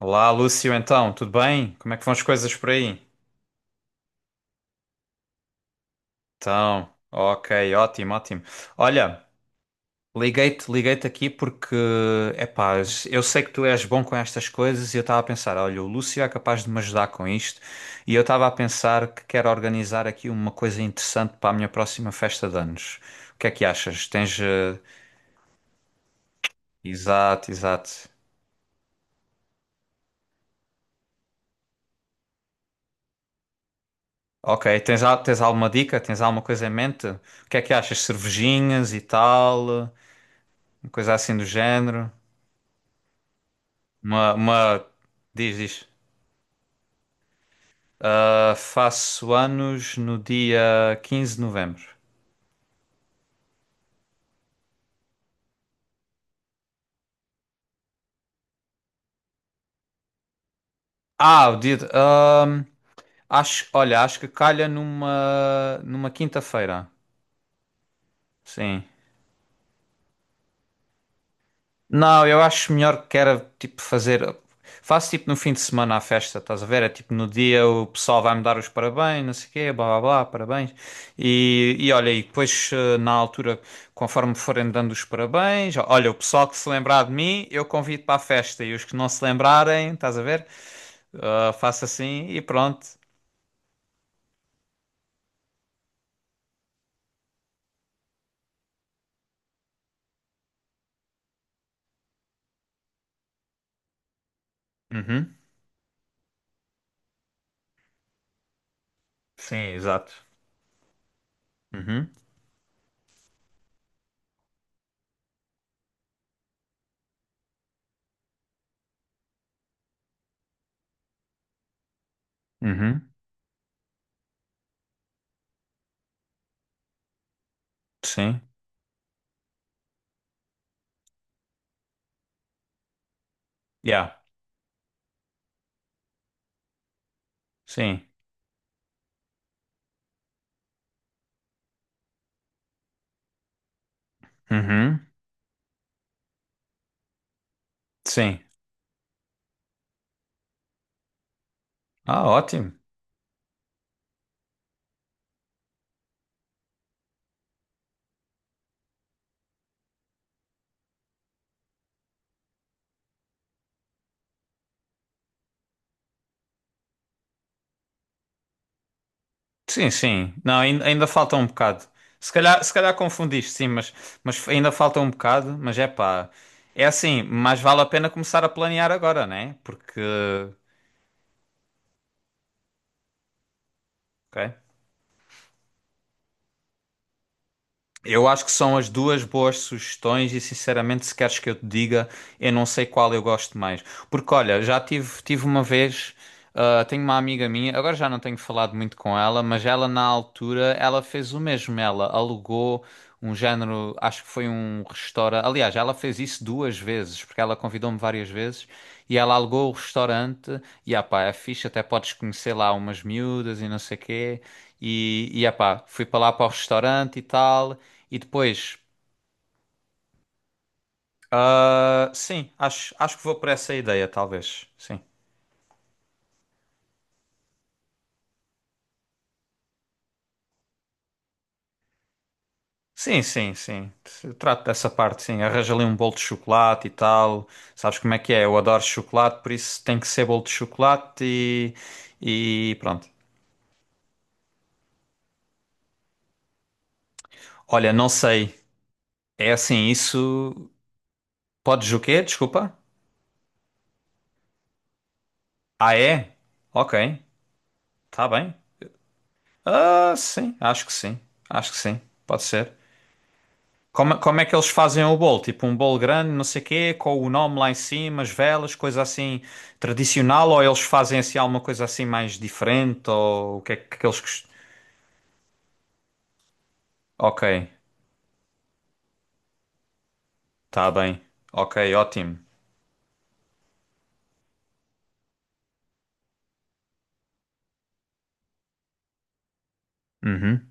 Olá, Lúcio, então, tudo bem? Como é que vão as coisas por aí? Então, ok, ótimo, ótimo. Olha, liguei-te aqui porque, epá, eu sei que tu és bom com estas coisas e eu estava a pensar, olha, o Lúcio é capaz de me ajudar com isto e eu estava a pensar que quero organizar aqui uma coisa interessante para a minha próxima festa de anos. O que é que achas? Tens. Exato, exato. Ok, tens alguma dica? Tens alguma coisa em mente? O que é que achas? Cervejinhas e tal? Uma coisa assim do género? Uma, uma... Diz, diz. Ah, faço anos no dia 15 de novembro. Ah, o dia. Olha, acho que calha numa quinta-feira. Sim. Não, eu acho melhor que era tipo fazer. Faço tipo no fim de semana a festa, estás a ver? É tipo no dia o pessoal vai-me dar os parabéns, não sei o quê, blá blá blá, parabéns. E olha, e depois na altura, conforme forem dando os parabéns, olha, o pessoal que se lembrar de mim, eu convido para a festa e os que não se lembrarem, estás a ver? Ah, faço assim e pronto. Uhum. Sim, exato. Uhum. Uhum. Sim. Yeah. Sim. Uhum. Sim. Ah, ótimo. Sim, sim. Não, ainda falta um bocado. Se calhar confundiste, sim, mas ainda falta um bocado. Mas é pá, é assim, mas vale a pena começar a planear agora, né? Porque, ok? Eu acho que são as duas boas sugestões e sinceramente, se queres que eu te diga, eu não sei qual eu gosto mais. Porque olha, já tive uma vez, ah, tenho uma amiga minha, agora já não tenho falado muito com ela, mas ela na altura, ela fez o mesmo, ela alugou um género, acho que foi um restaurante. Aliás, ela fez isso duas vezes, porque ela convidou-me várias vezes e ela alugou o restaurante e ah pá, é fixe, até podes conhecer lá umas miúdas e não sei quê. E ah pá, fui para lá para o restaurante e tal. E depois, ah, sim, acho que vou por essa ideia, talvez. Sim. Sim, sim, sim. Eu trato dessa parte, sim. Arranja ali um bolo de chocolate e tal. Sabes como é que é? Eu adoro chocolate, por isso tem que ser bolo de chocolate e pronto. Olha, não sei. É assim, isso. Podes o quê? Desculpa. Ah, é? Ok. Tá bem. Ah, sim, acho que sim. Acho que sim. Pode ser. Como é que eles fazem o bolo? Tipo um bolo grande, não sei quê, com o nome lá em cima, as velas, coisa assim tradicional, ou eles fazem assim alguma coisa assim mais diferente, ou o que é que eles cost... Ok, tá bem. Ok, ótimo. Uhum,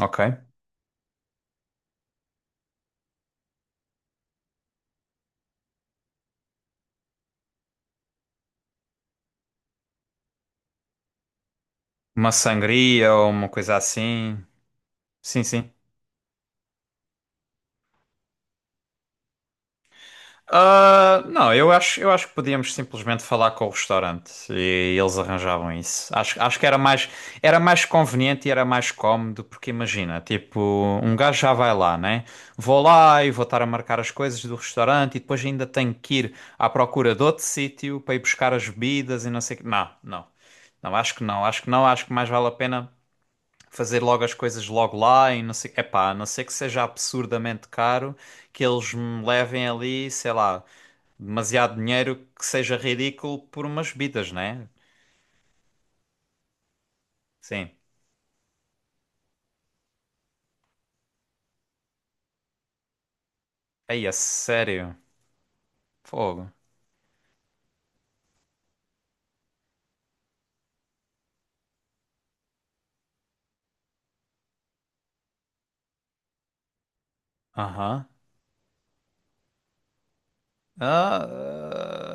ok. Uma sangria ou uma coisa assim. Sim, sim. Ah, não, eu acho que podíamos simplesmente falar com o restaurante e eles arranjavam isso. Acho que era mais conveniente e era mais cómodo, porque imagina, tipo, um gajo já vai lá, né? Vou lá e vou estar a marcar as coisas do restaurante e depois ainda tenho que ir à procura de outro sítio para ir buscar as bebidas e não sei o quê. Não, não, não, acho que não, acho que não, acho que mais vale a pena fazer logo as coisas logo lá e não sei, epá, a não ser que seja absurdamente caro, que eles me levem ali, sei lá demasiado dinheiro que seja ridículo por umas bebidas, né? Sim. Aí, a sério. Fogo. Aham. Ah,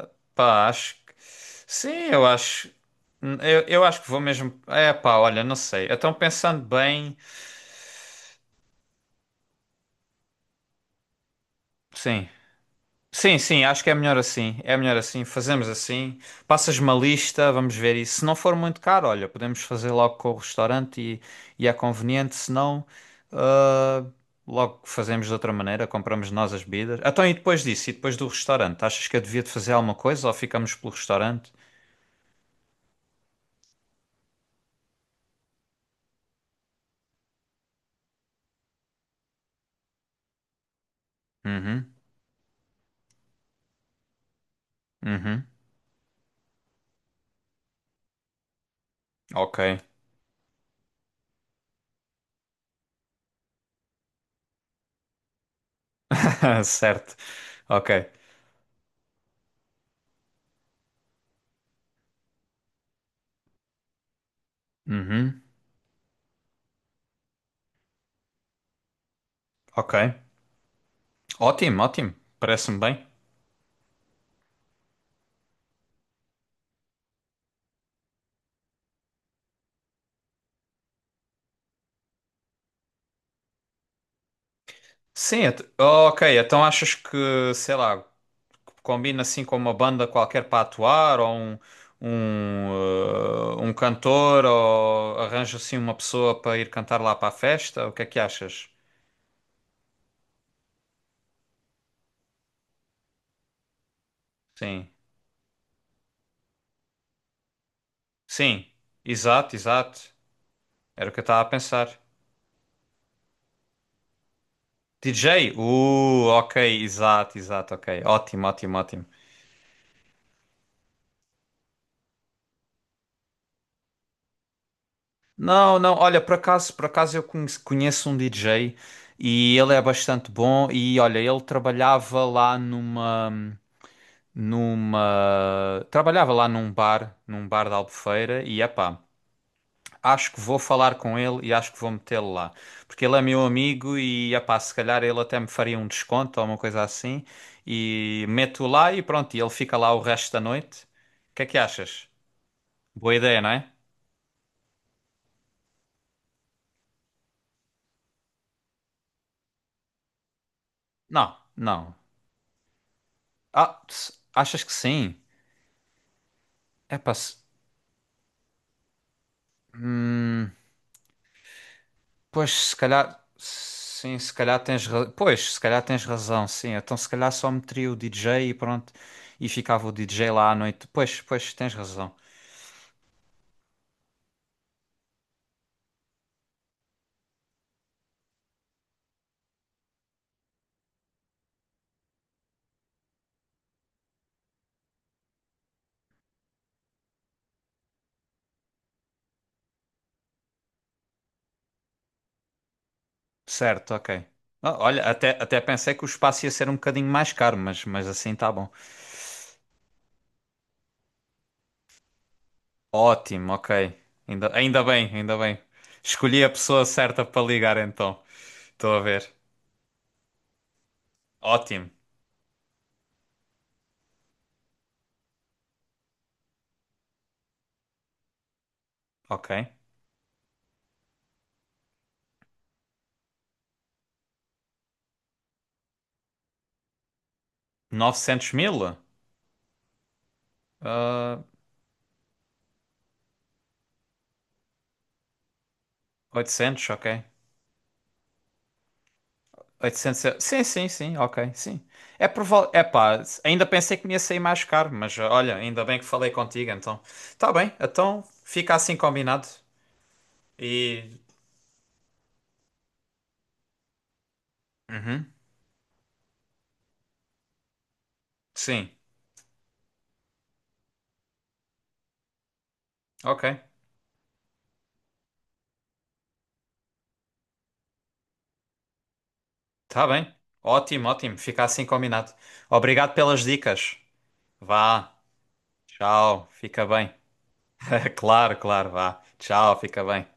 ah, Pá, acho que. Sim, eu acho. Eu acho que vou mesmo. É, pá, olha, não sei. Então, pensando bem. Sim. Sim, sim, acho que é melhor assim. É melhor assim. Fazemos assim. Passas-me uma lista, vamos ver. E se não for muito caro, olha, podemos fazer logo com o restaurante e é conveniente. Se não, ah, logo fazemos de outra maneira. Compramos nós as bebidas. Então, e depois disso? E depois do restaurante? Achas que eu devia de fazer alguma coisa ou ficamos pelo restaurante? Uhum, uhum. Ok. Certo. Ok. Uhum, ok. Ótimo, ótimo. Parece-me bem. Sim, ok. Então achas que, sei lá, combina assim com uma banda qualquer para atuar ou um cantor ou arranja assim uma pessoa para ir cantar lá para a festa? O que é que achas? Sim. Sim, exato, exato. Era o que eu estava a pensar. DJ? Ok, exato, exato, ok. Ótimo, ótimo, ótimo. Não, não, olha, por acaso eu conheço um DJ e ele é bastante bom e olha, ele trabalhava lá numa numa. Trabalhava lá num bar da Albufeira, e epá, acho que vou falar com ele e acho que vou metê-lo lá. Porque ele é meu amigo e epá, se calhar ele até me faria um desconto ou uma coisa assim. E meto lá e pronto, e ele fica lá o resto da noite. O que é que achas? Boa ideia, não é? Não, não. Ah, achas que sim? Epá, se... hum. Pois, se calhar, sim, se calhar tens, ra- pois, se calhar tens razão, sim. Então, se calhar só meteria o DJ e pronto, e ficava o DJ lá à noite. Pois, pois, tens razão. Certo, ok. Ah, olha, até pensei que o espaço ia ser um bocadinho mais caro, mas assim tá bom. Ótimo, ok. Ainda bem, ainda bem. Escolhi a pessoa certa para ligar então. Estou a ver. Ótimo, ok. 900 mil? Ah, 800, ok. 800 euros. Sim, sim, sim, ok, sim. É provável. É pá, ainda pensei que me ia sair mais caro, mas ah, olha, ainda bem que falei contigo, então. Tá bem, então fica assim combinado. E. Uhum, sim, ok. Tá bem. Ótimo, ótimo, fica assim combinado. Obrigado pelas dicas. Vá, tchau, fica bem. Claro, claro, vá. Tchau, fica bem.